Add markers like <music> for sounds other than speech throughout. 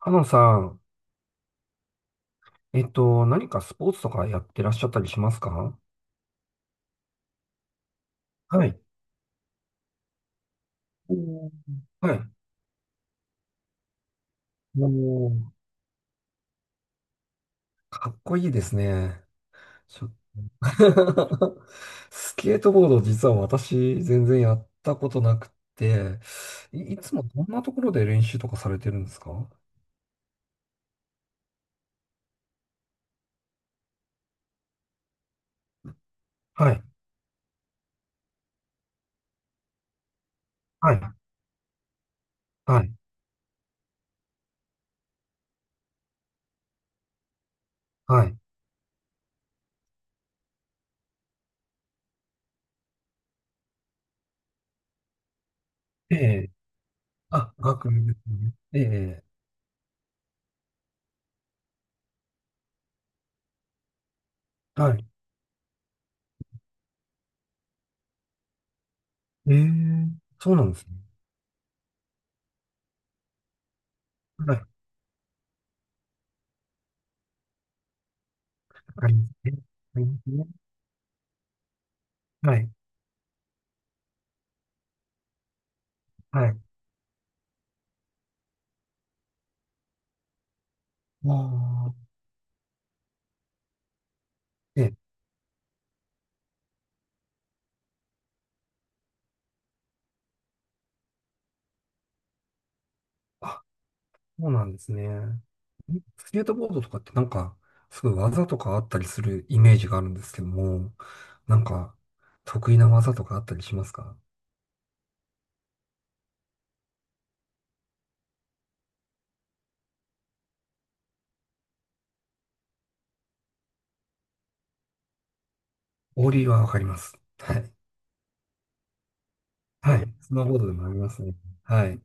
かなさん、何かスポーツとかやってらっしゃったりしますか？はい。おー。はい。もう、かっこいいですね。ちょ。 <laughs> スケートボード、実は私、全然やったことなくて、いつもどんなところで練習とかされてるんですか？はい。はい。はい。はい。ええ。あ、学部ですね。ええ。はい。ええ。そうなんですね。はい。わかりますね。わかりますね。はい。はい。ああ。ええ。あ、そうなんですね。スケートボードとかってなんか、すごい技とかあったりするイメージがあるんですけども、なんか、得意な技とかあったりしますか？オーリーはわかります。はい。はい。スノーボードでもありますね。はい。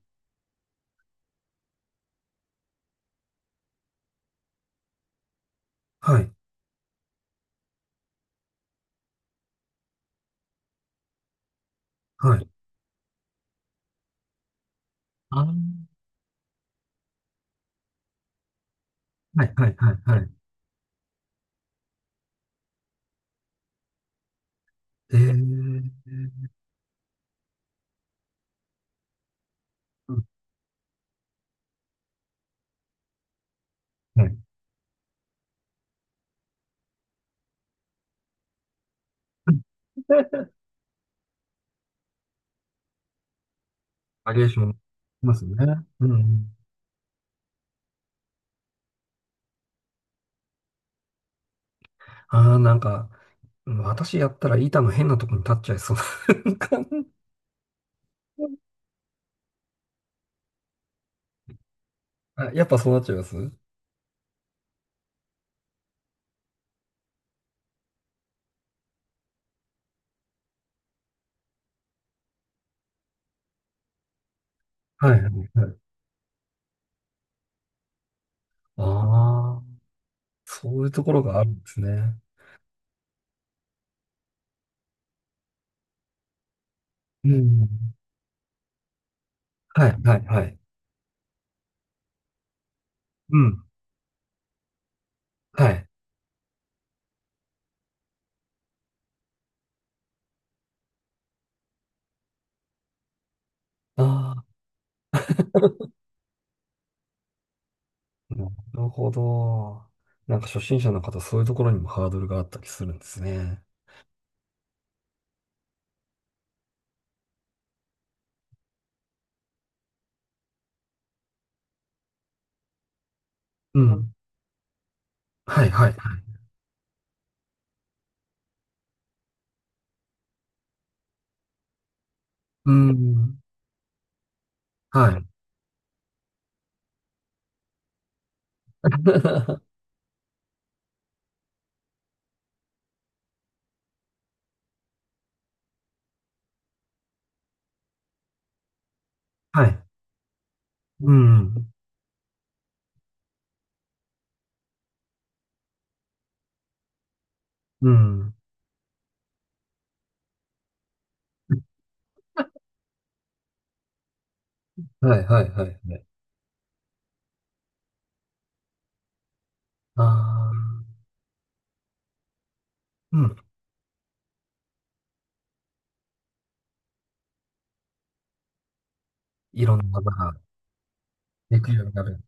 はい。はい。あー。はい。はい。はい。はい。えー。うん。はい。バリエーションありますよね。うん。ああ、なんか、うん、私やったら板の変なとこに立っちゃいそうな。<laughs> あ、やっぱそうなっちゃいます？はいはいはい。ああ、そういうところがあるんですね。うん。はいはいはい。うん。はい。ああ、なるほど。なんか初心者の方、そういうところにもハードルがあったりするんですね。うん。はいはい。うん。はい。はい。うん。うん。はいはいはいはい。ああ、うん。いろんな技ができるようになる。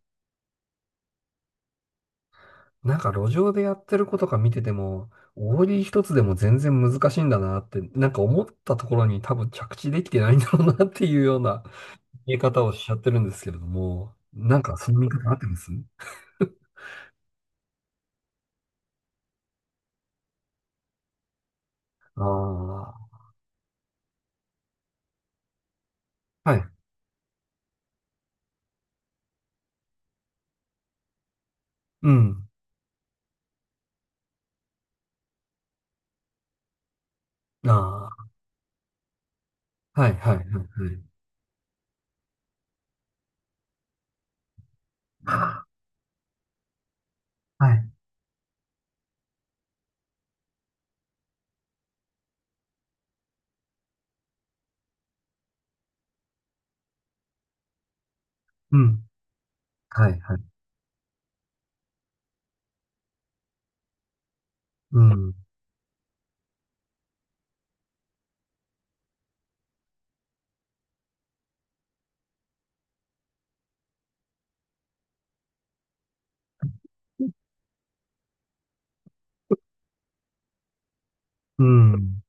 なんか路上でやってる子とか見てても、オーリー一つでも全然難しいんだなって、なんか思ったところに多分着地できてないんだろうなっていうような <laughs> 見え方をしちゃってるんですけれども、なんかその見方合ってます？ああー、はい。うん。ああ、はい、はい、はい、はい。はい、うん。はい、はい。うん。うん。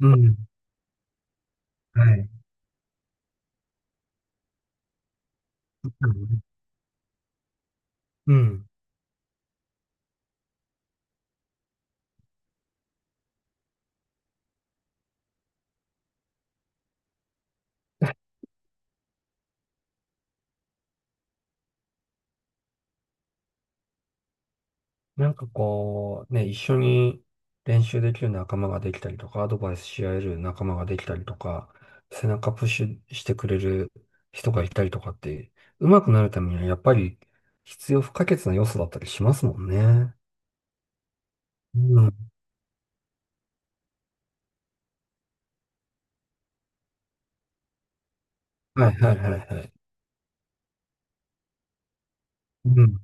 うん。はい。うん。なんかこう、ね、一緒に練習できる仲間ができたりとか、アドバイスし合える仲間ができたりとか、背中プッシュしてくれる人がいたりとかって、上手くなるためにはやっぱり必要不可欠な要素だったりしますもんね。うん。はいはいはいはい。うん。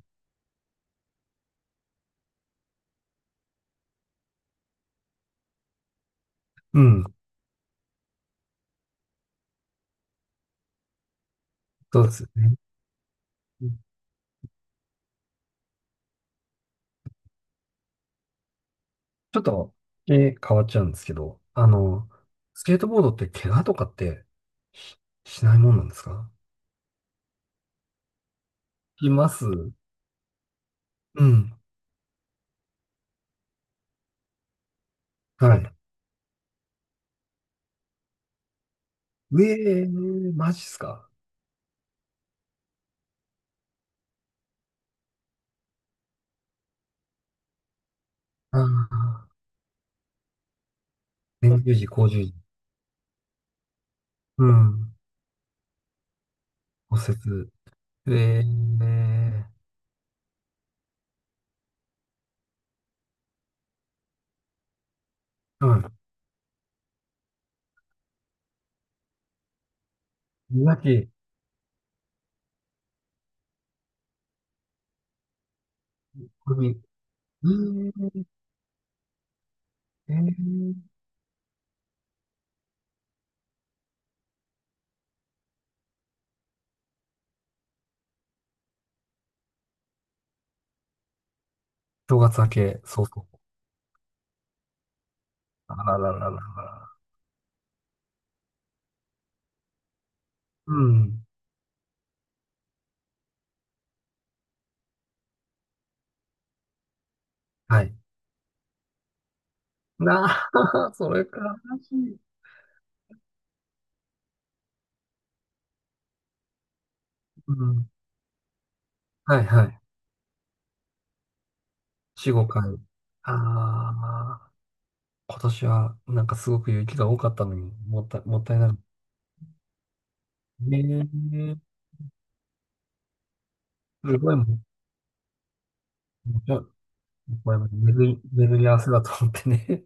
うん。そうですよね。ちょっと、え、変わっちゃうんですけど、スケートボードって怪我とかってし、しないもんなんですか？します。うん。はい。ええー、マジっすか。ああ、そ年じゅう10時、工10時。うん、骨折。ええー、うん。宮城、これに、ええー、正月明け、そうそう。あらららららら。うん、はい。なあ、<laughs> それか、マジ。うん、はいはい。4、5回。ああ、今年は、なんかすごく雪が多かったのに、もったい、もったいなく。えー、すごいもん。これは巡り、巡り合わせだと思ってね。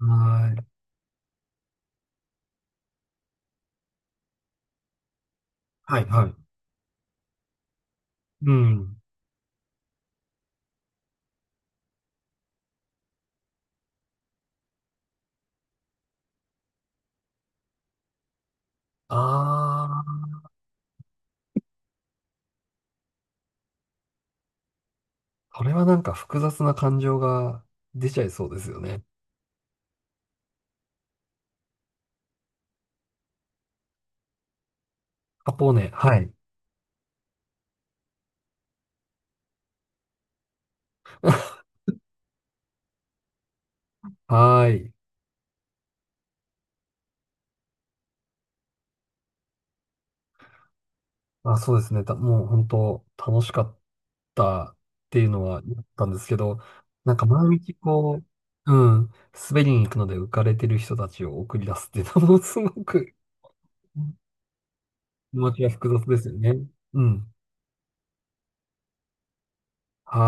<laughs> はい。はい、はい。うん。ああ、これはなんか複雑な感情が出ちゃいそうですよね。カポーネ、はい。はい。あ、そうですね。た、もう本当楽しかったっていうのはあったんですけど、なんか毎日こう、うん、滑りに行くので浮かれてる人たちを送り出すっていうのもすごく <laughs> 気持ちが複雑ですよね。うん。はい